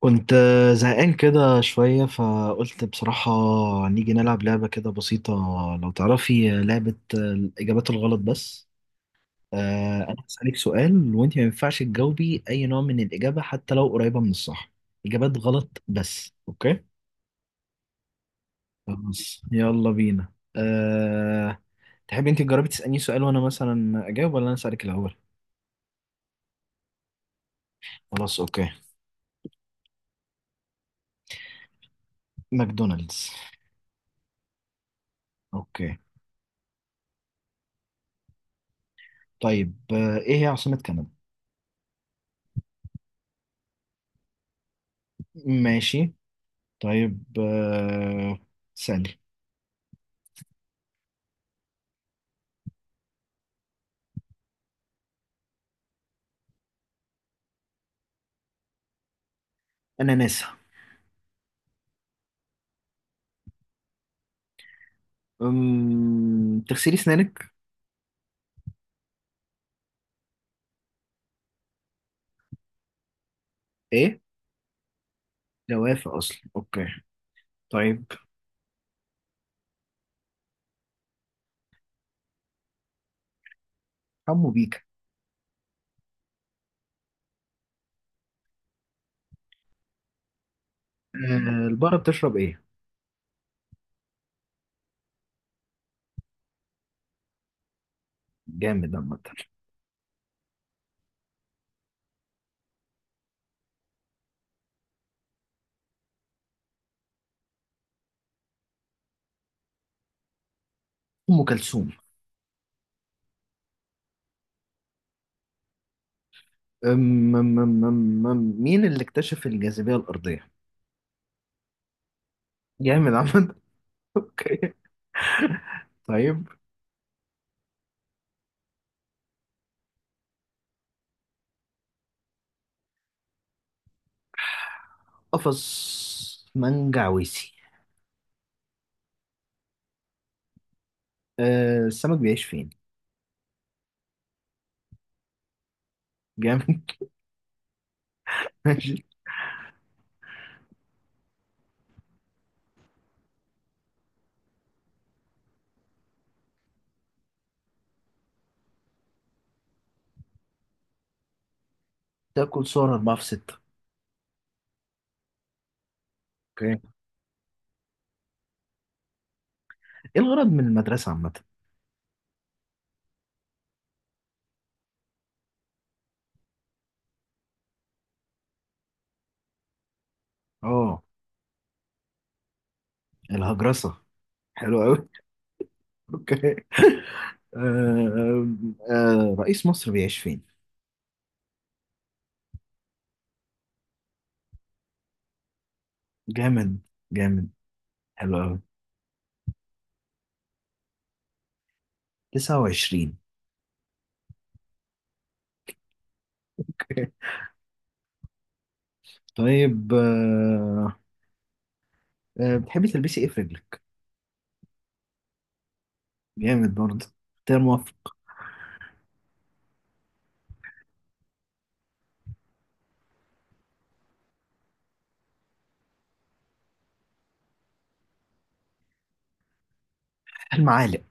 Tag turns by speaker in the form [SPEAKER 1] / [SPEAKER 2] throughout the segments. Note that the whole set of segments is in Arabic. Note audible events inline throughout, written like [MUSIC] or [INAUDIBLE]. [SPEAKER 1] كنت زهقان كده شوية، فقلت بصراحة نيجي نلعب لعبة كده بسيطة. لو تعرفي لعبة الإجابات الغلط بس. أنا هسألك سؤال وأنت ما ينفعش تجاوبي أي نوع من الإجابة حتى لو قريبة من الصح. إجابات غلط بس، أوكي. خلاص يلا بينا. تحبي أنت تجربي تسألني سؤال وأنا مثلا أجاوب، ولا أنا أسألك الأول؟ خلاص أوكي. ماكدونالدز. أوكي. طيب إيه هي عاصمة كندا؟ ماشي. طيب ثانية. أنا ناسا. تغسلي سنانك. إيه؟ جوافة أصلا أوكي. طيب. حمو بيكا. البقرة بتشرب إيه؟ جامد عامة. أم كلثوم. مين اللي اكتشف الجاذبية الأرضية؟ جامد عامة [LAUGHS] أوكي طيب. قفص منجعويسي. السمك بيعيش فين؟ جامد [LAUGHS] ماشي. تاكل صور أربعة في ستة. أوكي. إيه الغرض من المدرسة عامة؟ آه. الهجرسة. حلو قوي [LAUGHS] اوكي. آه رئيس مصر بيعيش فين؟ جامد. جامد. حلو قوي. 29. طيب بتحبي تلبسي ايه في رجلك؟ جامد برضه. اختيار موفق. المعالق.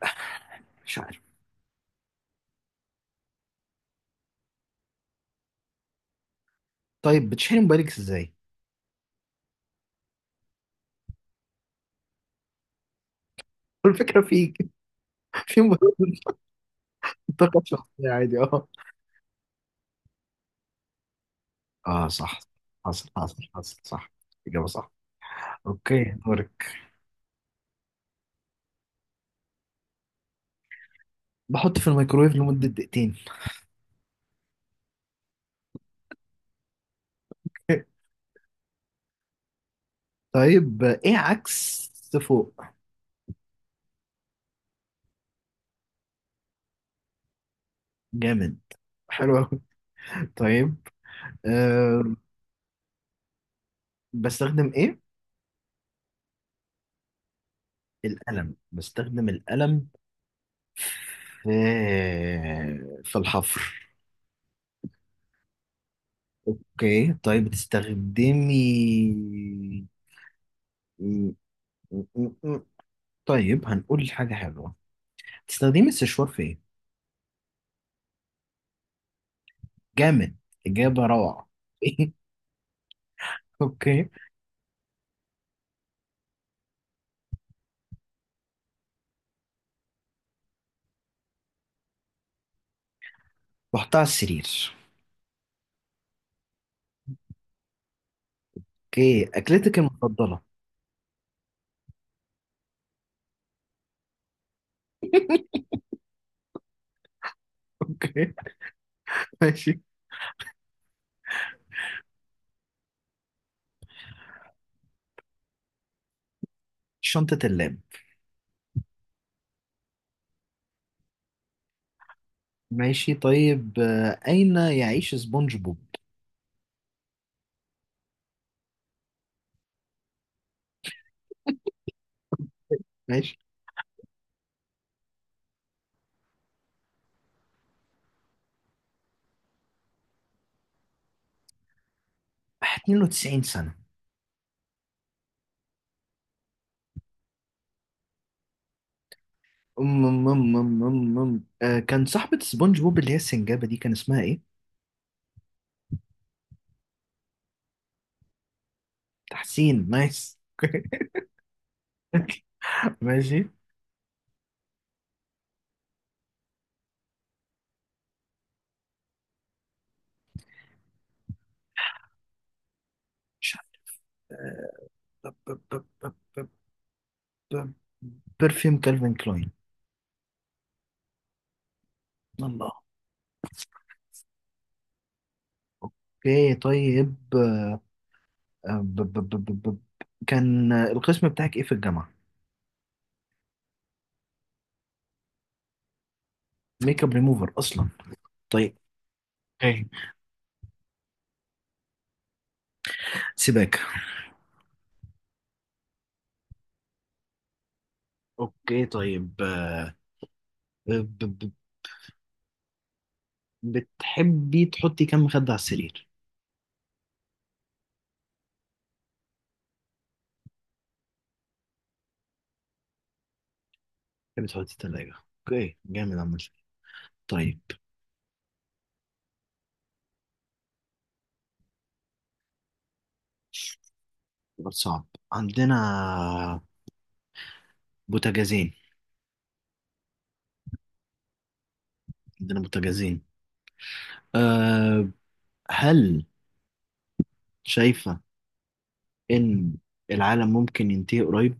[SPEAKER 1] مش عارف. طيب بتشحني موبايلك ازاي؟ [LAUGHS] الفكرة في موبايل. طاقة شخصية عادي اه. اه صح. حصل حصل حصل صح. إجابة صح. اوكي دورك. بحط في الميكرويف لمدة دقيقتين [LAUGHS] طيب ايه عكس فوق؟ جامد. حلو أوي [LAUGHS] طيب. أه بستخدم إيه؟ القلم، بستخدم القلم في الحفر. أوكي طيب بتستخدمي م- م- م- طيب هنقول حاجة حلوة. بتستخدمي السشوار في إيه؟ جامد. إجابة روعة [LAUGHS] أوكي. بحطها على السرير. أوكي أكلتك المفضلة. أوكي [LAUGHS] ماشي. شنطة اللاب. ماشي طيب أين يعيش سبونج بوب؟ ماشي. 92 سنة. أم أم أم أم أم أم. كان صاحبة سبونج بوب اللي هي السنجابة دي كان اسمها إيه؟ تحسين نايس [LAUGHS] ماشي. مش عارف. برفيوم كالفين كلاين. الله. اوكي طيب، آه، ب- ب- ب- ب- ب- كان القسم بتاعك ايه في الجامعة؟ ميك اب ريموفر اصلا. طيب. اوكي. سيبك. اوكي طيب ب- ب- بتحبي تحطي كام مخدة على السرير؟ تحب تحط التلاجة. اوكي جامد عامة. طيب. سؤال صعب عندنا. بوتاجازين. عندنا بوتاجازين. أه هل شايفة إن العالم ممكن ينتهي قريب؟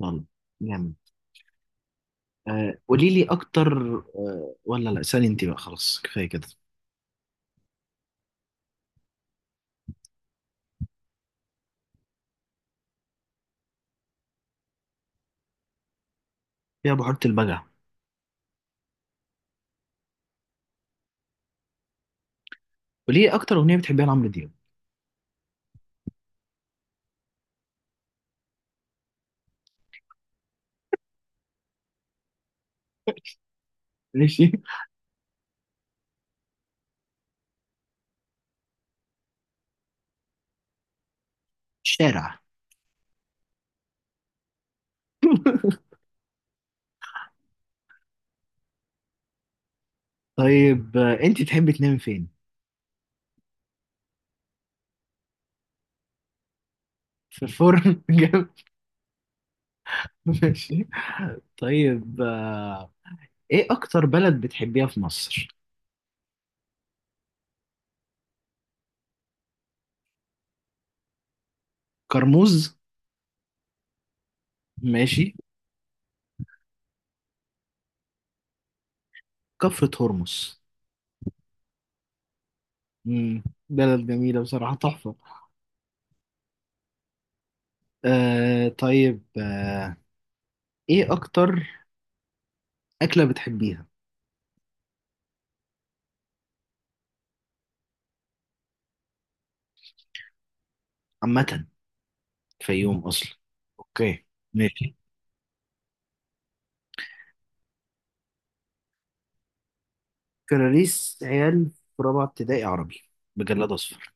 [SPEAKER 1] والله. جامد. قولي لي أكتر، ولا لا، اسألي أنت بقى، خلاص كفاية كده. يا بحيرة البجع. قولي لي أكتر أغنية بتحبيها لعمرو دياب. ماشي. [LAUGHS] شارع. طيب انت تحبي تنامي فين؟ في الفرن [LAUGHS] ماشي. طيب ايه اكتر بلد بتحبيها في مصر؟ كرموز. ماشي. كفر هرمس. امم بلد جميلة بصراحة، تحفة. طيب ايه اكتر اكلة بتحبيها؟ عامة. فيوم اصلا. اوكي. ماشي. كراريس عيال في رابعة ابتدائي عربي بجلاد اصفر.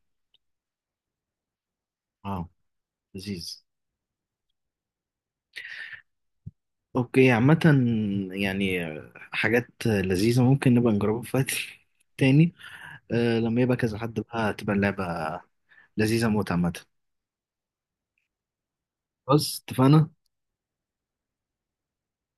[SPEAKER 1] اه لذيذ. اوكي عامة، يعني حاجات لذيذة ممكن نبقى نجربها في وقت تاني. لما يبقى كذا حد بقى تبقى اللعبة لذيذة موت عامة. بص، اتفقنا.